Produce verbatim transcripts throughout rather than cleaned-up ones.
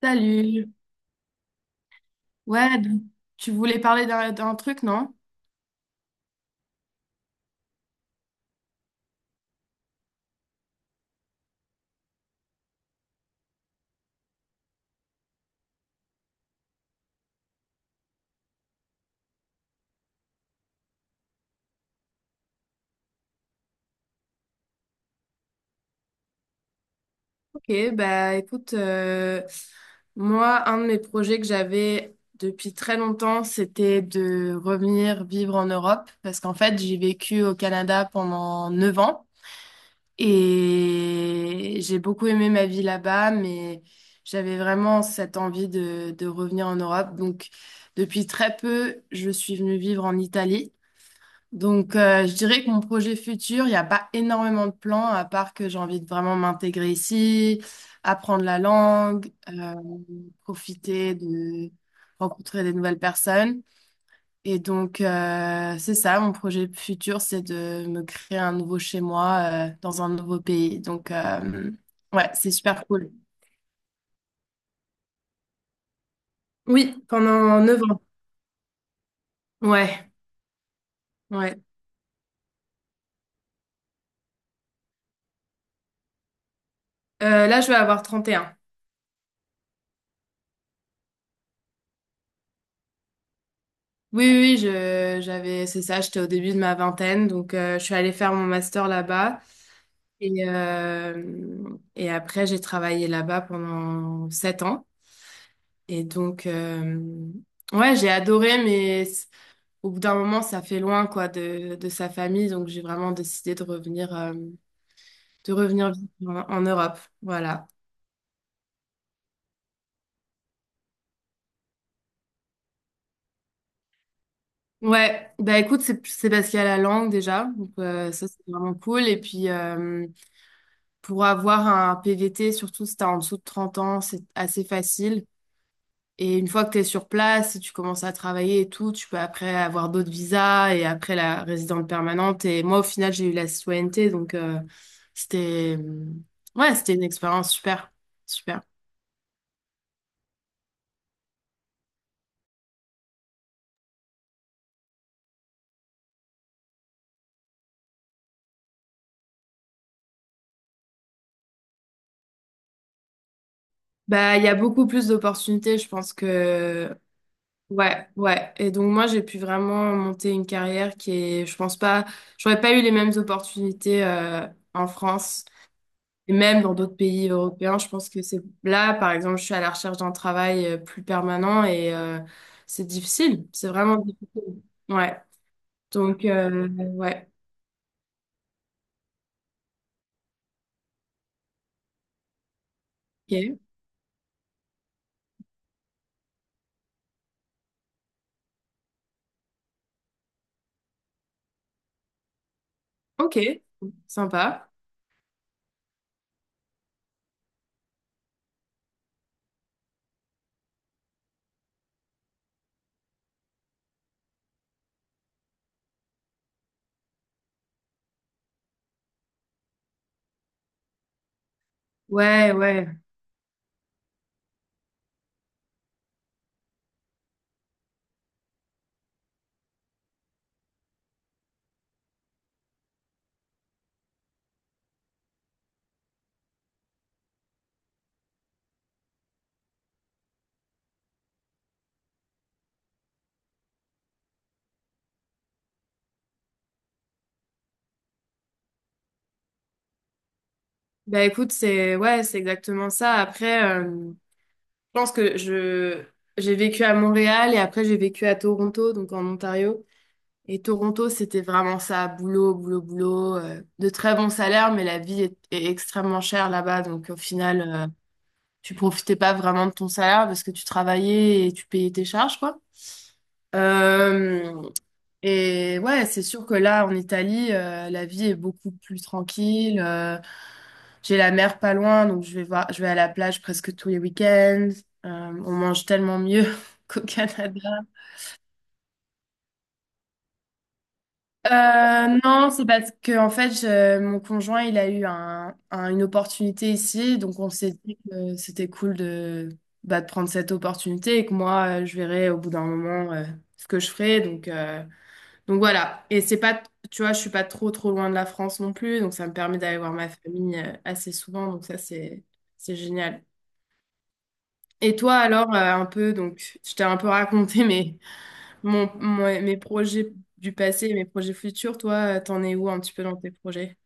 Salut. Ouais, donc, tu voulais parler d'un d'un truc, non? Ok, bah écoute, euh, moi, un de mes projets que j'avais depuis très longtemps, c'était de revenir vivre en Europe, parce qu'en fait, j'ai vécu au Canada pendant neuf ans et j'ai beaucoup aimé ma vie là-bas, mais j'avais vraiment cette envie de, de revenir en Europe. Donc, depuis très peu, je suis venue vivre en Italie. Donc, euh, je dirais que mon projet futur, il n'y a pas énormément de plans, à part que j'ai envie de vraiment m'intégrer ici, apprendre la langue, euh, profiter de rencontrer des nouvelles personnes. Et donc, euh, c'est ça, mon projet futur, c'est de me créer un nouveau chez moi, euh, dans un nouveau pays. Donc, euh, ouais, c'est super cool. Oui, pendant neuf ans. Ouais, ouais. Euh, là, je vais avoir trente et un. Oui, oui, oui, je, j'avais, c'est ça, j'étais au début de ma vingtaine, donc euh, je suis allée faire mon master là-bas. Et, euh, et après, j'ai travaillé là-bas pendant sept ans. Et donc, euh, ouais, j'ai adoré, mais c- au bout d'un moment, ça fait loin, quoi, de, de sa famille. Donc, j'ai vraiment décidé de revenir, euh, de revenir vivre en, en Europe. Voilà. Ouais, bah écoute, c'est c'est parce qu'il y a la langue déjà. Donc, euh, ça, c'est vraiment cool. Et puis, euh, pour avoir un P V T, surtout si t'es en dessous de trente ans, c'est assez facile. Et une fois que t'es sur place, si tu commences à travailler et tout, tu peux après avoir d'autres visas et après la résidence permanente. Et moi, au final, j'ai eu la citoyenneté, donc euh, c'était, ouais, c'était une expérience super, super. Bah, il y a beaucoup plus d'opportunités, je pense que ouais, ouais. Et donc moi, j'ai pu vraiment monter une carrière qui est, je pense pas, j'aurais pas eu les mêmes opportunités euh, en France. Et même dans d'autres pays européens, je pense que c'est là, par exemple, je suis à la recherche d'un travail euh, plus permanent et euh, c'est difficile. C'est vraiment difficile. Ouais. Donc, euh, ouais. Ok. Ok. Sympa. Ouais, ouais. Bah écoute, c'est, ouais, c'est exactement ça. Après, euh, je pense que je j'ai vécu à Montréal et après j'ai vécu à Toronto, donc en Ontario. Et Toronto, c'était vraiment ça, boulot, boulot, boulot, euh, de très bons salaires, mais la vie est, est extrêmement chère là-bas. Donc au final, euh, tu profitais pas vraiment de ton salaire parce que tu travaillais et tu payais tes charges, quoi. Euh, et ouais, c'est sûr que là, en Italie, euh, la vie est beaucoup plus tranquille. euh, j'ai la mer pas loin, donc je vais voir, je vais à la plage presque tous les week-ends. Euh, on mange tellement mieux qu'au Canada. Euh, non, c'est parce que en fait, je- mon conjoint, il a eu un, un- une opportunité ici, donc on s'est dit que c'était cool de, bah, de prendre cette opportunité et que moi, euh, je verrai au bout d'un moment euh, ce que je ferai. Donc, euh, donc voilà. Et c'est pas, tu vois, je suis pas trop trop loin de la France non plus, donc ça me permet d'aller voir ma famille euh, assez souvent. Donc ça, c'est c'est génial. Et toi alors, euh, un peu, donc je t'ai un peu raconté, mais mon, mon- ouais, mes projets du passé et mes projets futurs, toi, euh, t'en es où un petit peu dans tes projets?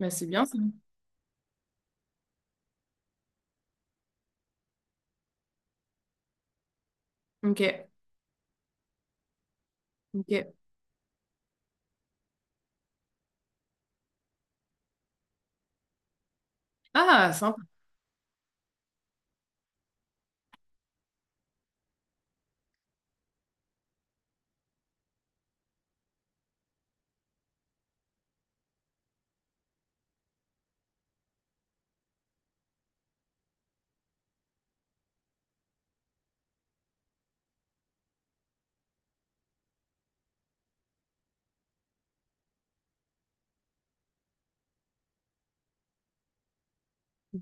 Bah, c'est bien ça. Ok, ok. Ah, sympa,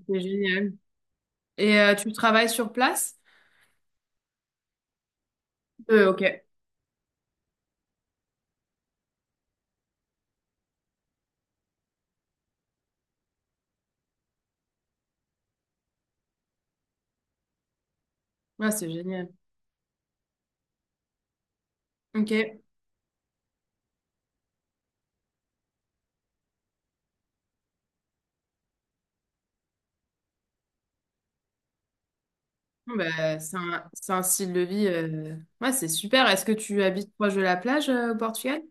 c'est génial. Et euh, tu travailles sur place? Euh, ok. Ah, c'est génial. Ok. Bon, bah, c'est un, c'est un style de vie. euh, Ouais, c'est super. Est-ce que tu habites proche de la plage euh, au Portugal?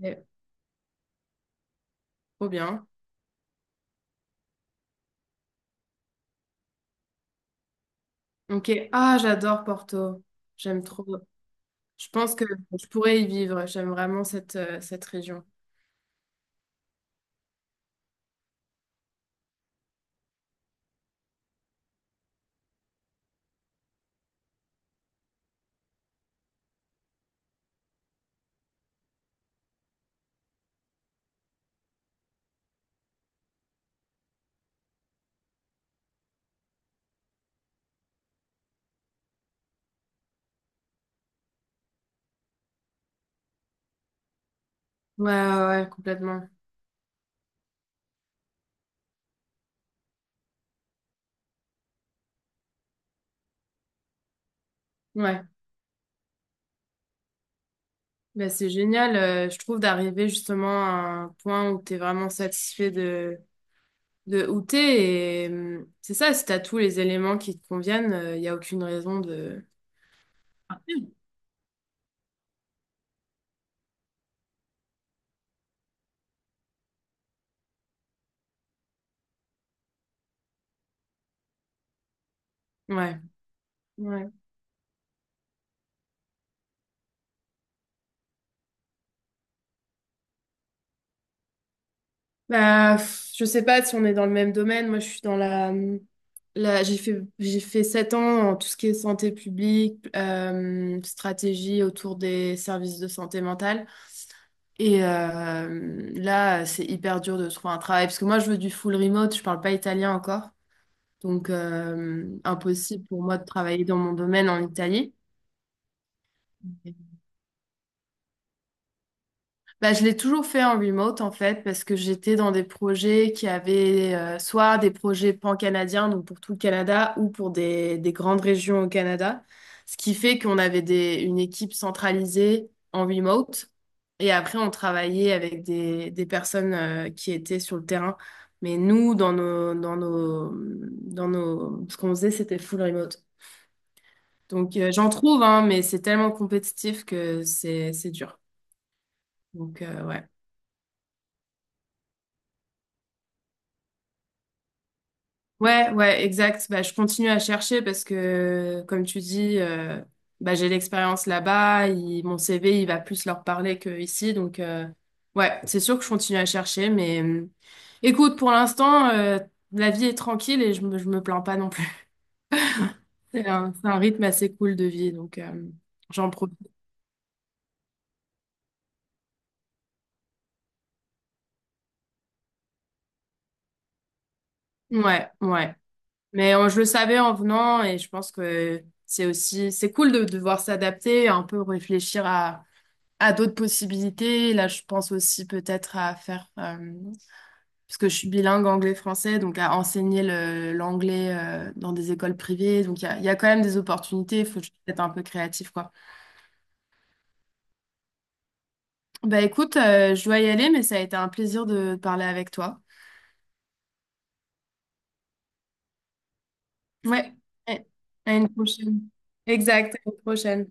Ouais, trop bien. Ok. Ah, j'adore Porto. J'aime trop. Je pense que je pourrais y vivre. J'aime vraiment cette, euh, cette région. Ouais, ouais, ouais, complètement. Ouais. Ben, c'est génial, euh, je trouve, d'arriver justement à un point où tu es vraiment satisfait de, de, où tu es. Et hum, c'est ça, si tu as tous les éléments qui te conviennent, il n'y a aucune raison de. Ouais, ouais. Bah, pff, je sais pas si on est dans le même domaine. Moi, je suis dans la... mmh, la j'ai fait, j'ai fait sept ans en tout ce qui est santé publique, euh, stratégie autour des services de santé mentale. Et euh, là, c'est hyper dur de trouver un travail parce que moi, je veux du full remote, je parle pas italien encore. Donc, euh, impossible pour moi de travailler dans mon domaine en Italie. Bah, je l'ai toujours fait en remote en fait parce que j'étais dans des projets qui avaient euh, soit des projets pan-canadiens donc pour tout le Canada ou pour des, des grandes régions au Canada, ce qui fait qu'on avait des, une équipe centralisée en remote et après on travaillait avec des, des personnes euh, qui étaient sur le terrain. Mais nous dans nos dans nos dans nos ce qu'on faisait c'était full remote. Donc euh, j'en trouve hein, mais c'est tellement compétitif que c'est c'est dur. Donc euh, ouais. Ouais, ouais, exact. Bah, je continue à chercher parce que, comme tu dis, euh, bah, j'ai l'expérience là-bas. il- Mon C V, il va plus leur parler que ici. Donc, euh, ouais, c'est sûr que je continue à chercher. Mais euh, écoute, pour l'instant, euh, la vie est tranquille et je me, je me plains pas non plus. C'est un, c'est un rythme assez cool de vie. Donc, euh, j'en profite. Ouais, ouais. Mais euh, je le savais en venant et je pense que c'est aussi, c'est cool de devoir s'adapter, un peu réfléchir à. à d'autres possibilités. Là, je pense aussi peut-être à faire, euh, parce que je suis bilingue anglais-français, donc à enseigner le- l'anglais euh, dans des écoles privées. Donc, il y a, il y a quand même des opportunités. Il faut juste être un peu créatif, quoi. Bah écoute, euh, je dois y aller, mais ça a été un plaisir de parler avec toi. Ouais, ouais. À une prochaine. Exact, à une prochaine.